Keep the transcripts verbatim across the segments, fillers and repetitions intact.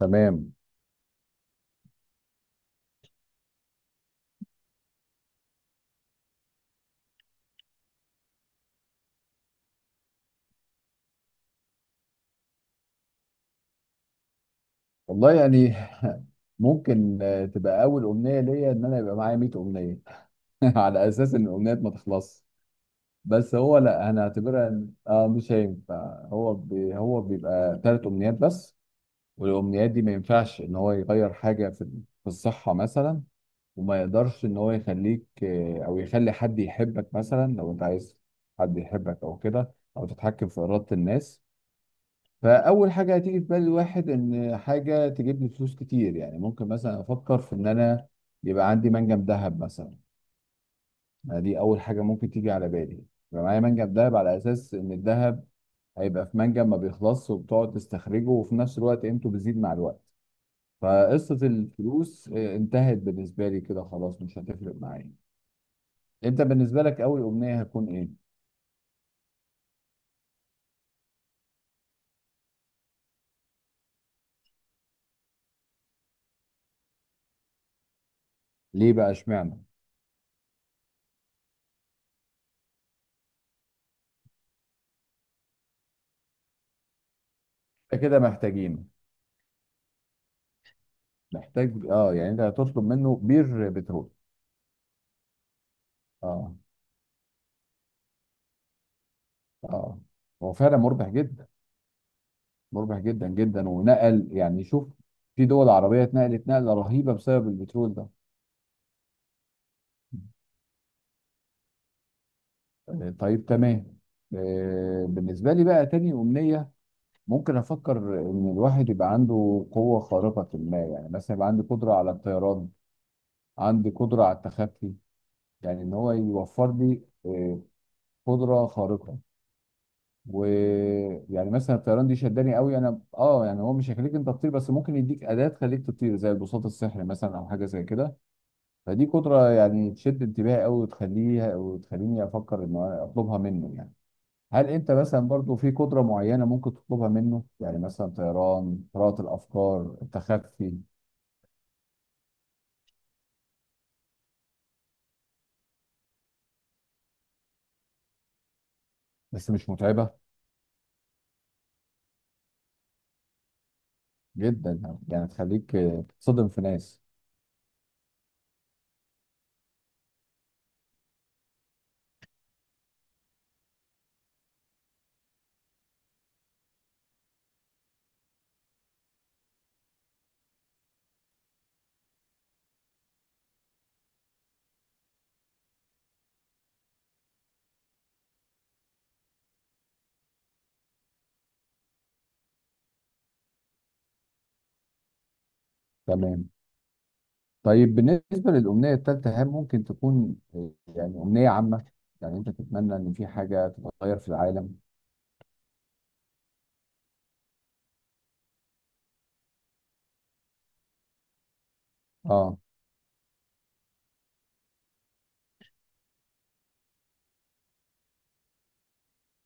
تمام. والله يعني ممكن آه، تبقى اول امنيه ليا ان انا يبقى معايا مية امنيه. على اساس ان الامنيات ما تخلص. بس هو لا، انا هعتبرها إن- اه مش هينفع، هو بي هو بيبقى ثلاث امنيات بس. والامنيات دي ما ينفعش ان هو يغير حاجه في في الصحه مثلا، وما يقدرش ان هو يخليك آه، او يخلي حد يحبك مثلا. لو انت عايز حد يحبك او كده او تتحكم في اراده الناس. فاول حاجه هتيجي في بال الواحد ان حاجه تجيب لي فلوس كتير. يعني ممكن مثلا افكر في ان انا يبقى عندي منجم ذهب مثلا. يعني دي اول حاجه ممكن تيجي على بالي. يبقى معايا منجم ذهب على اساس ان الذهب هيبقى في منجم ما بيخلصش وبتقعد تستخرجه، وفي نفس الوقت قيمته بتزيد مع الوقت. فقصه الفلوس آه، انتهت بالنسبه لي كده، خلاص مش هتفرق معايا. انت بالنسبه لك اول امنيه هتكون ايه؟ ليه بقى اشمعنى؟ انت كده محتاجين، محتاج اه يعني. انت هتطلب منه بير بترول؟ اه. اه. هو فعلا مربح جدا. مربح جدا جدا، ونقل يعني شوف، في دول عربية اتنقلت نقلة رهيبة بسبب البترول ده. آه، طيب تمام. آه، بالنسبة لي بقى تاني أمنية، ممكن أفكر إن الواحد يبقى عنده قوة خارقة. ما يعني مثلا يبقى عندي قدرة على الطيران، عندي قدرة على التخفي. يعني إن هو يوفر لي آه، قدرة خارقة. ويعني مثلا الطيران دي شداني قوي انا اه يعني، هو مش هيخليك انت تطير بس ممكن يديك اداه تخليك تطير زي البساط السحري مثلا او حاجه زي كده. فدي قدره يعني تشد انتباهي قوي، وتخليها وتخليني افكر ان أنا اطلبها منه يعني. هل انت مثلا برضو في قدره معينه ممكن تطلبها منه؟ يعني مثلا طيران، قراءه الافكار، التخفي. بس مش متعبه؟ جدا يعني يعني تخليك تصدم في ناس. تمام. طيب بالنسبة للأمنية الثالثة، هل ممكن تكون آه، يعني أمنية عامة؟ يعني أنت تتمنى إن في حاجة تتغير في العالم؟ آه.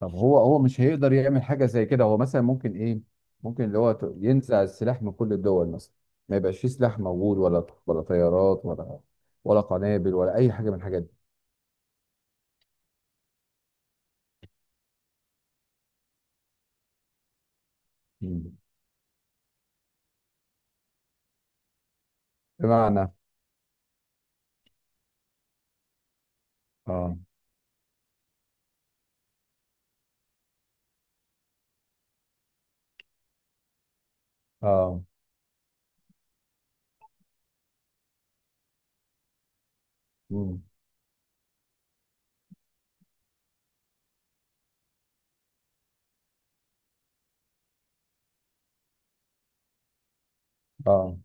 طب هو هو مش هيقدر يعمل حاجة زي كده؟ هو مثلا ممكن إيه؟ ممكن اللي هو ت- ينزع السلاح من كل الدول مثلا، ما يبقاش فيه سلاح موجود ولا ولا طيارات ولا ولا قنابل ولا أي حاجة من الحاجات دي. مم. بمعنى؟ آه آه. مم. آه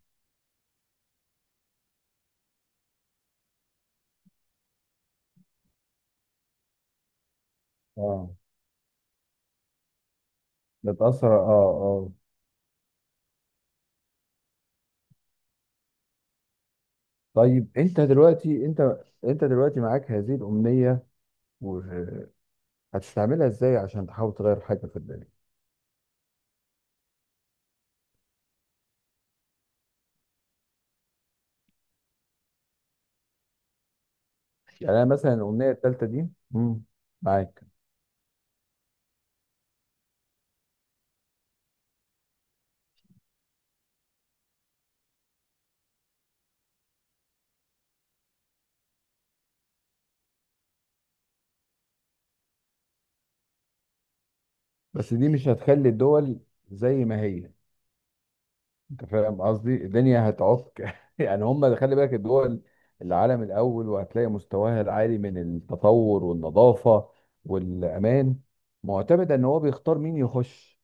آه. نتأثر آه آه. طيب أنت دلوقتي، أنت أنت دلوقتي معاك هذه الأمنية، هتستعملها ازاي عشان تحاول تغير حاجه في الدنيا؟ يعني انا مثلا الامنيه الثالثه دي. مم. معاك. بس دي مش هتخلي الدول زي ما هي. انت فاهم قصدي، الدنيا هتعك يعني. هم خلي بالك، الدول العالم الاول وهتلاقي مستواها العالي من التطور والنظافه والامان، معتمد ان هو بيختار مين يخش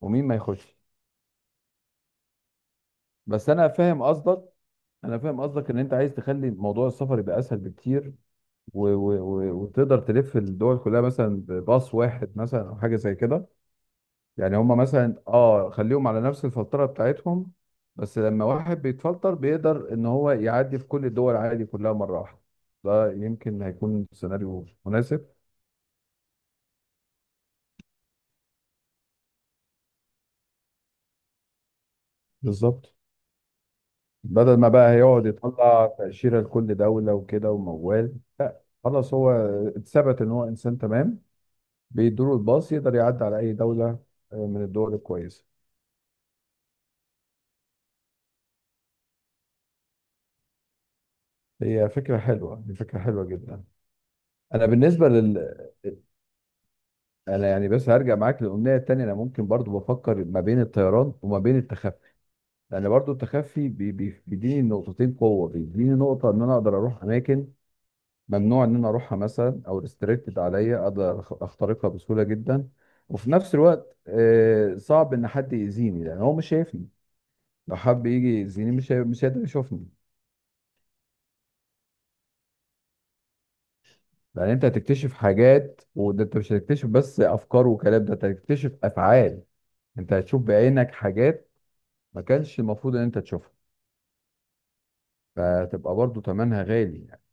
ومين ما يخش. بس انا فاهم قصدك. انا فاهم قصدك ان انت عايز تخلي موضوع السفر يبقى اسهل بكتير، و و و وتقدر تلف الدول كلها مثلا بباص واحد مثلا او حاجه زي كده. يعني هم مثلا اه خليهم على نفس الفلتره بتاعتهم، بس لما واحد بيتفلتر بيقدر ان هو يعدي في كل الدول عادي كلها مره واحده. ده يمكن هيكون سيناريو مناسب. بالظبط. بدل ما بقى هيقعد يطلع تأشيرة لكل دولة وكده وموال، لا خلاص، هو اتثبت ان هو انسان تمام، بيدوله الباص يقدر يعدي على اي دولة آه، من الدول الكويسة. هي فكرة حلوة، دي فكرة حلوة جدا. انا بالنسبه لل انا يعني، بس هرجع معاك للاغنيه التانيه. انا ممكن برضو بفكر ما بين الطيران وما بين التخفي، لان برضو التخفي بي- بي- بيديني نقطتين قوه، بيديني نقطه ان انا اقدر اروح اماكن ممنوع ان انا اروحها مثلا، او ريستريكتد عليا، اقدر أخ- اخترقها بسهوله جدا. وفي نفس الوقت آه، صعب ان حد يأذيني لان هو مش شايفني. لو حب يجي يأذيني مش هي- مش هيقدر يشوفني. لان انت هتكتشف حاجات، وده انت مش هتكتشف بس افكار وكلام، ده انت هتكتشف افعال. انت هتشوف بعينك حاجات ما كانش المفروض ان انت تشوفها. فتبقى برضو تمنها غالي يعني.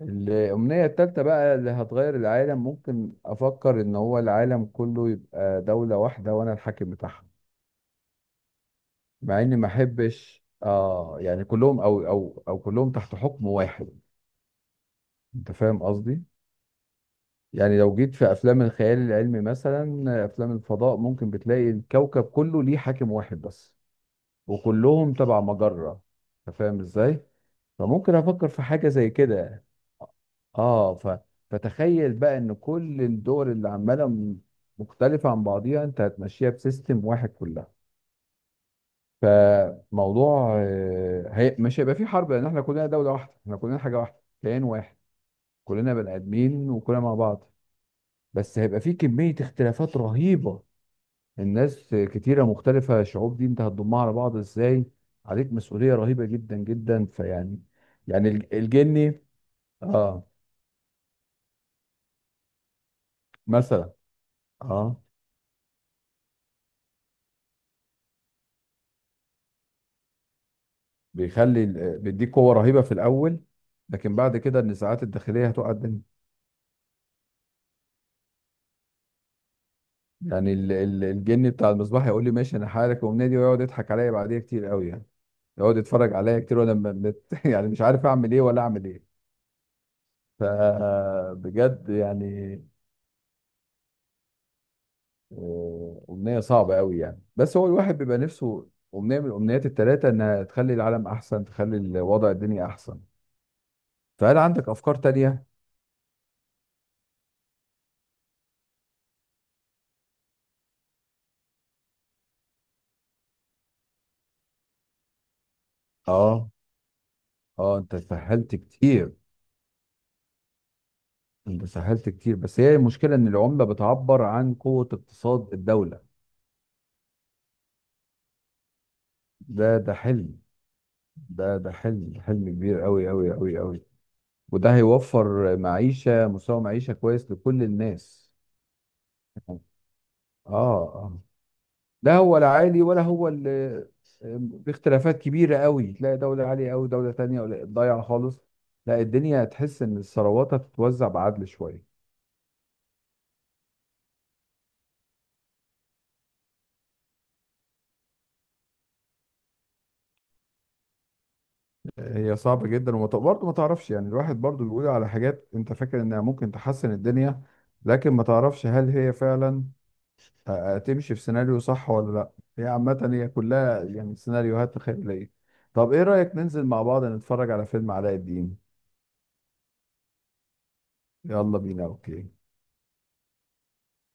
الامنية التالتة بقى اللي هتغير العالم، ممكن افكر ان هو العالم كله يبقى دولة واحدة وانا الحاكم بتاعها. مع اني ما احبش اه يعني كلهم او او او كلهم تحت حكم واحد. انت فاهم قصدي؟ يعني لو جيت في افلام الخيال العلمي مثلا افلام الفضاء، ممكن بتلاقي الكوكب كله ليه حاكم واحد بس، وكلهم تبع مجرة. انت فاهم ازاي؟ فممكن افكر في حاجة زي كده. اه ف... فتخيل بقى ان كل الدول اللي عمالة م- مختلفة عن بعضيها، انت هتمشيها بسيستم واحد كلها. فموضوع آه، هي... مش هيبقى في حرب، لان احنا كلنا دولة واحدة، احنا كلنا حاجة واحدة، كيان واحد. كلنا بني ادمين وكلنا مع بعض. بس هيبقى في كمية اختلافات رهيبة. الناس كتيرة مختلفة، شعوب دي انت هتضمها على بعض ازاي؟ عليك مسؤولية رهيبة جدا جدا فيعني. يعني الج- الجني اه. مثلا اه بيخلي ال- بيديك قوة رهيبة في الأول، لكن بعد كده النزاعات الداخلية هتقع الدنيا. يعني ال- ال- الجني بتاع المصباح يقول لي ماشي، انا هحارك ومنادي، ويقعد يضحك عليا بعديها كتير قوي يعني. يقعد يتفرج عليا كتير، وانا م- مت- يعني مش عارف اعمل ايه ولا اعمل ايه. فبجد يعني آه، أمنية صعبة قوي يعني، بس هو الواحد بيبقى نفسه أمنية من الأمنيات التلاتة إنها تخلي العالم أحسن، تخلي الوضع الدنيا أحسن. فهل عندك أفكار تانية؟ اه. آه أنت سهلت كتير. أنت سهلت كتير، بس هي المشكلة إن العملة بتعبر عن قوة اقتصاد الدولة. ده ده حلم. ده ده حلم، حلم كبير قوي قوي قوي قوي. وده هيوفر معيشة، مستوى معيشة كويس لكل الناس. آه. آه. لا هو لا عالي ولا هو ال- باختلافات كبيرة قوي، تلاقي دولة عالية قوي، دولة تانية ولا ضايعة خالص. لا، الدنيا تحس ان الثروات هتتوزع بعدل شوية. هي صعبة جدا، وبرضه ما تعرفش يعني. الواحد برضه بيقول على حاجات انت فاكر انها ممكن تحسن الدنيا، لكن ما تعرفش هل هي فعلا هتمشي في سيناريو صح ولا لا. هي عامة، هي كلها يعني سيناريوهات خيالية. طب ايه رأيك ننزل مع بعض نتفرج على فيلم علاء الدين؟ يلا بينا. اوكي.